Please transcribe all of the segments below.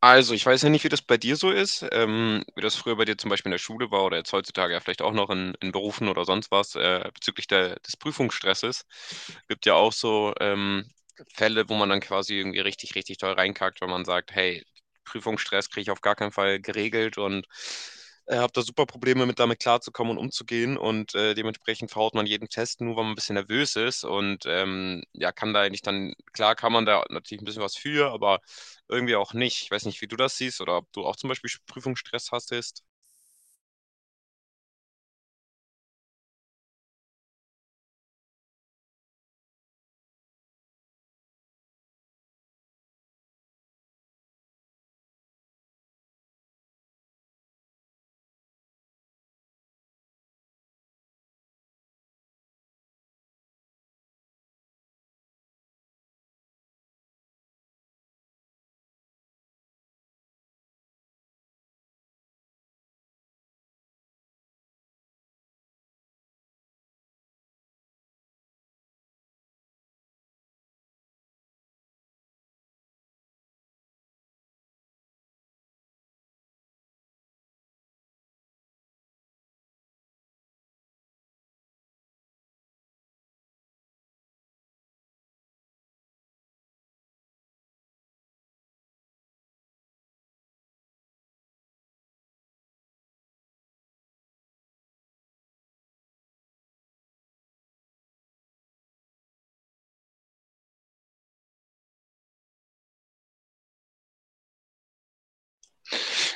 Also, ich weiß ja nicht, wie das bei dir so ist, wie das früher bei dir zum Beispiel in der Schule war oder jetzt heutzutage ja vielleicht auch noch in Berufen oder sonst was, bezüglich der, des Prüfungsstresses. Gibt ja auch so Fälle, wo man dann quasi irgendwie richtig, richtig toll reinkackt, wenn man sagt, hey, Prüfungsstress kriege ich auf gar keinen Fall geregelt und habe da super Probleme mit, damit klarzukommen und umzugehen und dementsprechend verhaut man jeden Test nur, weil man ein bisschen nervös ist und ja, kann da eigentlich dann, klar kann man da natürlich ein bisschen was für, aber irgendwie auch nicht. Ich weiß nicht, wie du das siehst oder ob du auch zum Beispiel Prüfungsstress hattest.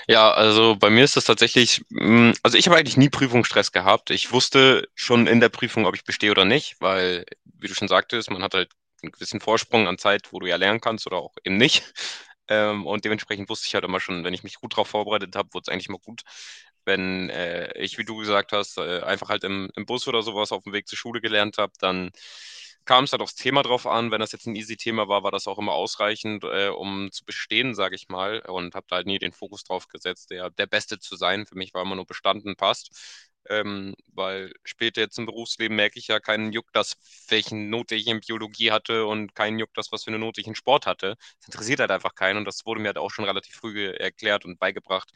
Ja, also bei mir ist das tatsächlich, also ich habe eigentlich nie Prüfungsstress gehabt. Ich wusste schon in der Prüfung, ob ich bestehe oder nicht, weil, wie du schon sagtest, man hat halt einen gewissen Vorsprung an Zeit, wo du ja lernen kannst oder auch eben nicht. Und dementsprechend wusste ich halt immer schon, wenn ich mich gut darauf vorbereitet habe, wurde es eigentlich mal gut. Wenn ich, wie du gesagt hast, einfach halt im Bus oder sowas auf dem Weg zur Schule gelernt habe, dann kam es halt aufs Thema drauf an. Wenn das jetzt ein easy Thema war, war das auch immer ausreichend, um zu bestehen, sage ich mal. Und habe da halt nie den Fokus drauf gesetzt, der Beste zu sein. Für mich war immer nur bestanden, passt. Weil später jetzt im Berufsleben merke ich ja keinen Juck, das, welchen Note ich in Biologie hatte und keinen Juck, das, was für eine Note ich in Sport hatte. Das interessiert halt einfach keinen und das wurde mir halt auch schon relativ früh erklärt und beigebracht,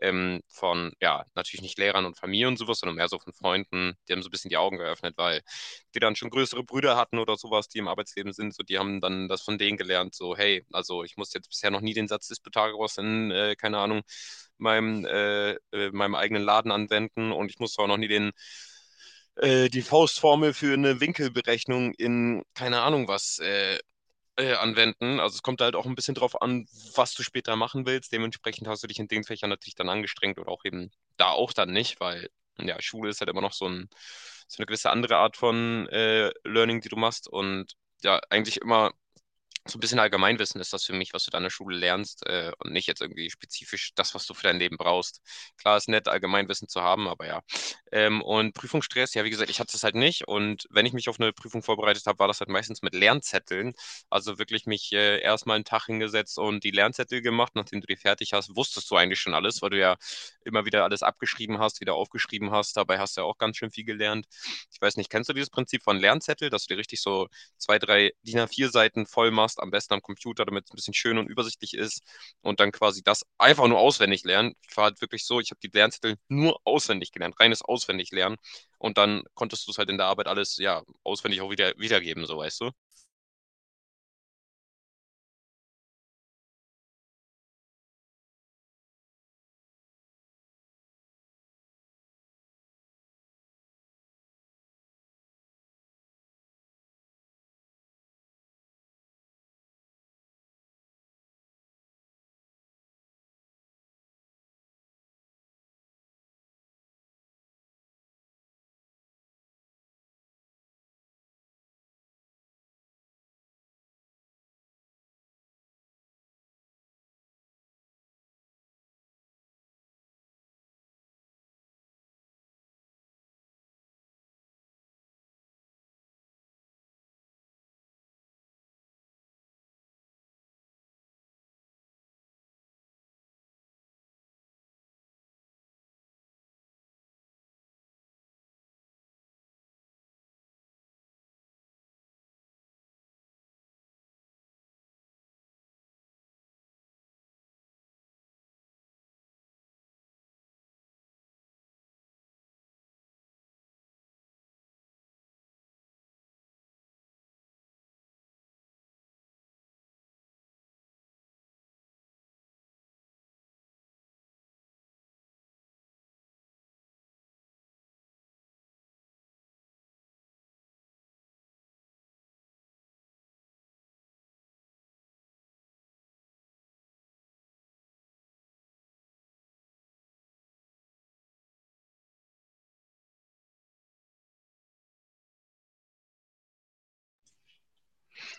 von, ja, natürlich nicht Lehrern und Familie und sowas, sondern mehr so von Freunden. Die haben so ein bisschen die Augen geöffnet, weil die dann schon größere Brüder hatten oder sowas, die im Arbeitsleben sind, so die haben dann das von denen gelernt, so hey, also ich musste jetzt bisher noch nie den Satz des Pythagoras in, keine Ahnung, meinem, meinem eigenen Laden anwenden und ich musste auch noch nie den, die Faustformel für eine Winkelberechnung in, keine Ahnung was, anwenden. Also es kommt halt auch ein bisschen drauf an, was du später machen willst. Dementsprechend hast du dich in den Fächern natürlich dann angestrengt oder auch eben da auch dann nicht, weil ja, Schule ist halt immer noch so ein, so eine gewisse andere Art von Learning, die du machst und ja, eigentlich immer so ein bisschen Allgemeinwissen ist das für mich, was du da in der Schule lernst, und nicht jetzt irgendwie spezifisch das, was du für dein Leben brauchst. Klar ist nett, Allgemeinwissen zu haben, aber ja. Und Prüfungsstress, ja, wie gesagt, ich hatte es halt nicht, und wenn ich mich auf eine Prüfung vorbereitet habe, war das halt meistens mit Lernzetteln. Also wirklich mich erstmal einen Tag hingesetzt und die Lernzettel gemacht. Nachdem du die fertig hast, wusstest du eigentlich schon alles, weil du ja immer wieder alles abgeschrieben hast, wieder aufgeschrieben hast. Dabei hast du ja auch ganz schön viel gelernt. Ich weiß nicht, kennst du dieses Prinzip von Lernzettel, dass du dir richtig so zwei, drei DIN A4 seiten voll machst, am besten am Computer, damit es ein bisschen schön und übersichtlich ist und dann quasi das einfach nur auswendig lernen. Ich war halt wirklich so, ich habe die Lernzettel nur auswendig gelernt, reines Auswendiglernen, und dann konntest du es halt in der Arbeit alles ja auswendig auch wieder wiedergeben, so weißt du.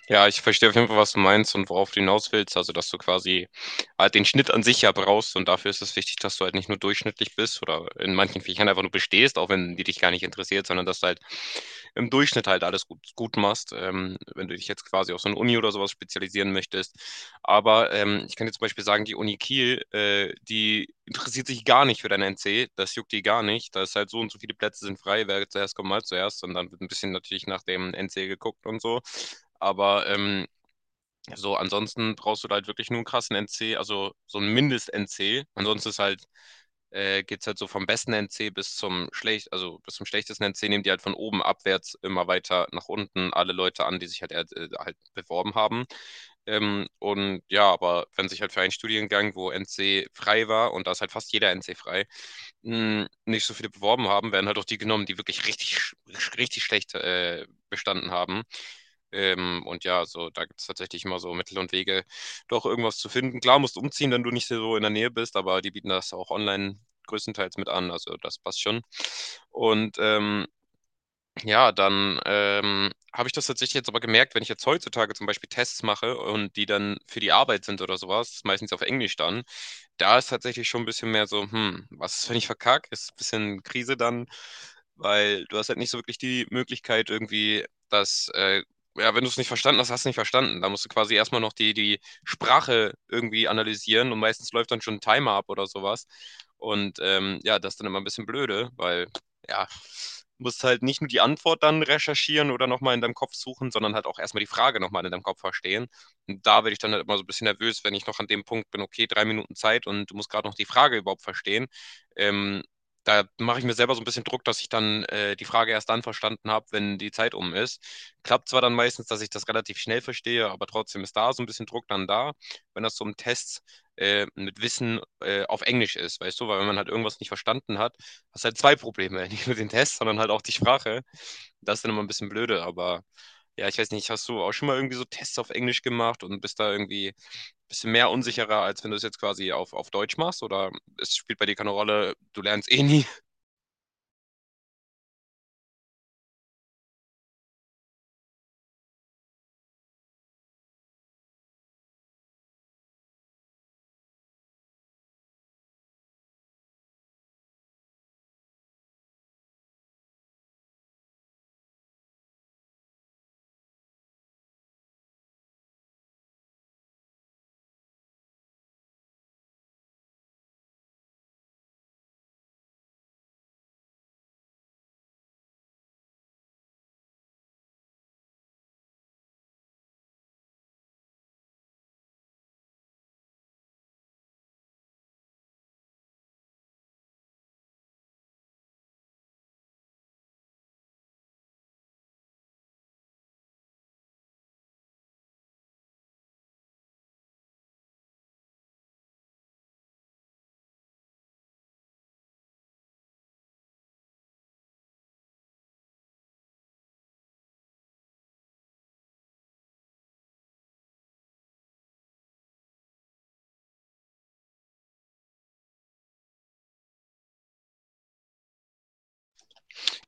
Ja, ich verstehe auf jeden Fall, was du meinst und worauf du hinaus willst, also dass du quasi halt den Schnitt an sich ja brauchst und dafür ist es wichtig, dass du halt nicht nur durchschnittlich bist oder in manchen Fächern einfach nur bestehst, auch wenn die dich gar nicht interessiert, sondern dass du halt im Durchschnitt halt alles gut, gut machst, wenn du dich jetzt quasi auf so eine Uni oder sowas spezialisieren möchtest. Aber ich kann dir zum Beispiel sagen, die Uni Kiel, die interessiert sich gar nicht für dein NC, das juckt die gar nicht. Da ist halt so und so viele Plätze sind frei, wer zuerst kommt, mal zuerst. Und dann wird ein bisschen natürlich nach dem NC geguckt und so. Aber so, ansonsten brauchst du da halt wirklich nur einen krassen NC, also so ein Mindest-NC. Ansonsten ist halt geht es halt so vom besten NC bis zum schlecht, also bis zum schlechtesten NC, nehmen die halt von oben abwärts immer weiter nach unten alle Leute an, die sich halt, halt beworben haben. Und ja, aber wenn sich halt für einen Studiengang, wo NC frei war, und da ist halt fast jeder NC frei, nicht so viele beworben haben, werden halt auch die genommen, die wirklich richtig, richtig schlecht bestanden haben. Und ja, so da gibt es tatsächlich immer so Mittel und Wege, doch irgendwas zu finden. Klar, musst umziehen, wenn du nicht so in der Nähe bist, aber die bieten das auch online größtenteils mit an. Also das passt schon. Und ja, dann, habe ich das tatsächlich jetzt aber gemerkt, wenn ich jetzt heutzutage zum Beispiel Tests mache und die dann für die Arbeit sind oder sowas, meistens auf Englisch dann, da ist tatsächlich schon ein bisschen mehr so: „Hm, was ist, wenn ich verkacke?“ Ist ein bisschen Krise dann, weil du hast halt nicht so wirklich die Möglichkeit irgendwie, dass, ja, wenn du es nicht verstanden hast, hast du nicht verstanden. Da musst du quasi erst mal noch die Sprache irgendwie analysieren, und meistens läuft dann schon ein Timer ab oder sowas. Und, ja, das ist dann immer ein bisschen blöde, weil ja, musst halt nicht nur die Antwort dann recherchieren oder nochmal in deinem Kopf suchen, sondern halt auch erstmal die Frage nochmal in deinem Kopf verstehen. Und da werde ich dann halt immer so ein bisschen nervös, wenn ich noch an dem Punkt bin, okay, 3 Minuten Zeit und du musst gerade noch die Frage überhaupt verstehen. Ähm, Da mache ich mir selber so ein bisschen Druck, dass ich dann die Frage erst dann verstanden habe, wenn die Zeit um ist. Klappt zwar dann meistens, dass ich das relativ schnell verstehe, aber trotzdem ist da so ein bisschen Druck dann da, wenn das so im Test mit Wissen auf Englisch ist, weißt du, weil wenn man halt irgendwas nicht verstanden hat, hast halt zwei Probleme. Nicht nur den Test, sondern halt auch die Sprache. Das ist dann immer ein bisschen blöde, aber ja, ich weiß nicht, hast du auch schon mal irgendwie so Tests auf Englisch gemacht und bist da irgendwie ein bisschen mehr unsicherer, als wenn du es jetzt quasi auf Deutsch machst? Oder es spielt bei dir keine Rolle, du lernst eh nie.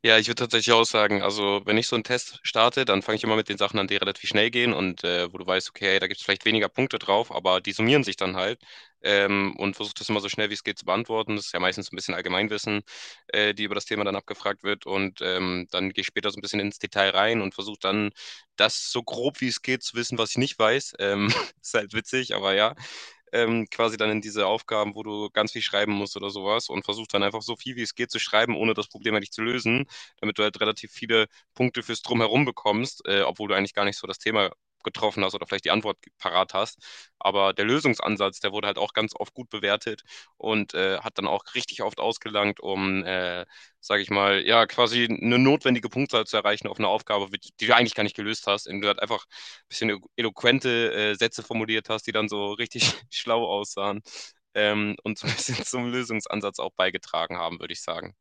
Ja, ich würde tatsächlich auch sagen, also wenn ich so einen Test starte, dann fange ich immer mit den Sachen an, die relativ schnell gehen und wo du weißt, okay, hey, da gibt es vielleicht weniger Punkte drauf, aber die summieren sich dann halt, und versuche das immer so schnell wie es geht zu beantworten. Das ist ja meistens so ein bisschen Allgemeinwissen, die über das Thema dann abgefragt wird, und dann gehe ich später so ein bisschen ins Detail rein und versuche dann das so grob wie es geht zu wissen, was ich nicht weiß. Ist halt witzig, aber ja, quasi dann in diese Aufgaben, wo du ganz viel schreiben musst oder sowas und versuchst dann einfach so viel wie es geht zu schreiben, ohne das Problem eigentlich zu lösen, damit du halt relativ viele Punkte fürs Drumherum bekommst, obwohl du eigentlich gar nicht so das Thema getroffen hast oder vielleicht die Antwort parat hast. Aber der Lösungsansatz, der wurde halt auch ganz oft gut bewertet und hat dann auch richtig oft ausgelangt, um, sage ich mal, ja, quasi eine notwendige Punktzahl zu erreichen auf eine Aufgabe, die du eigentlich gar nicht gelöst hast, indem du halt einfach bisschen eloquente Sätze formuliert hast, die dann so richtig schlau aussahen, und so ein bisschen zum Lösungsansatz auch beigetragen haben, würde ich sagen.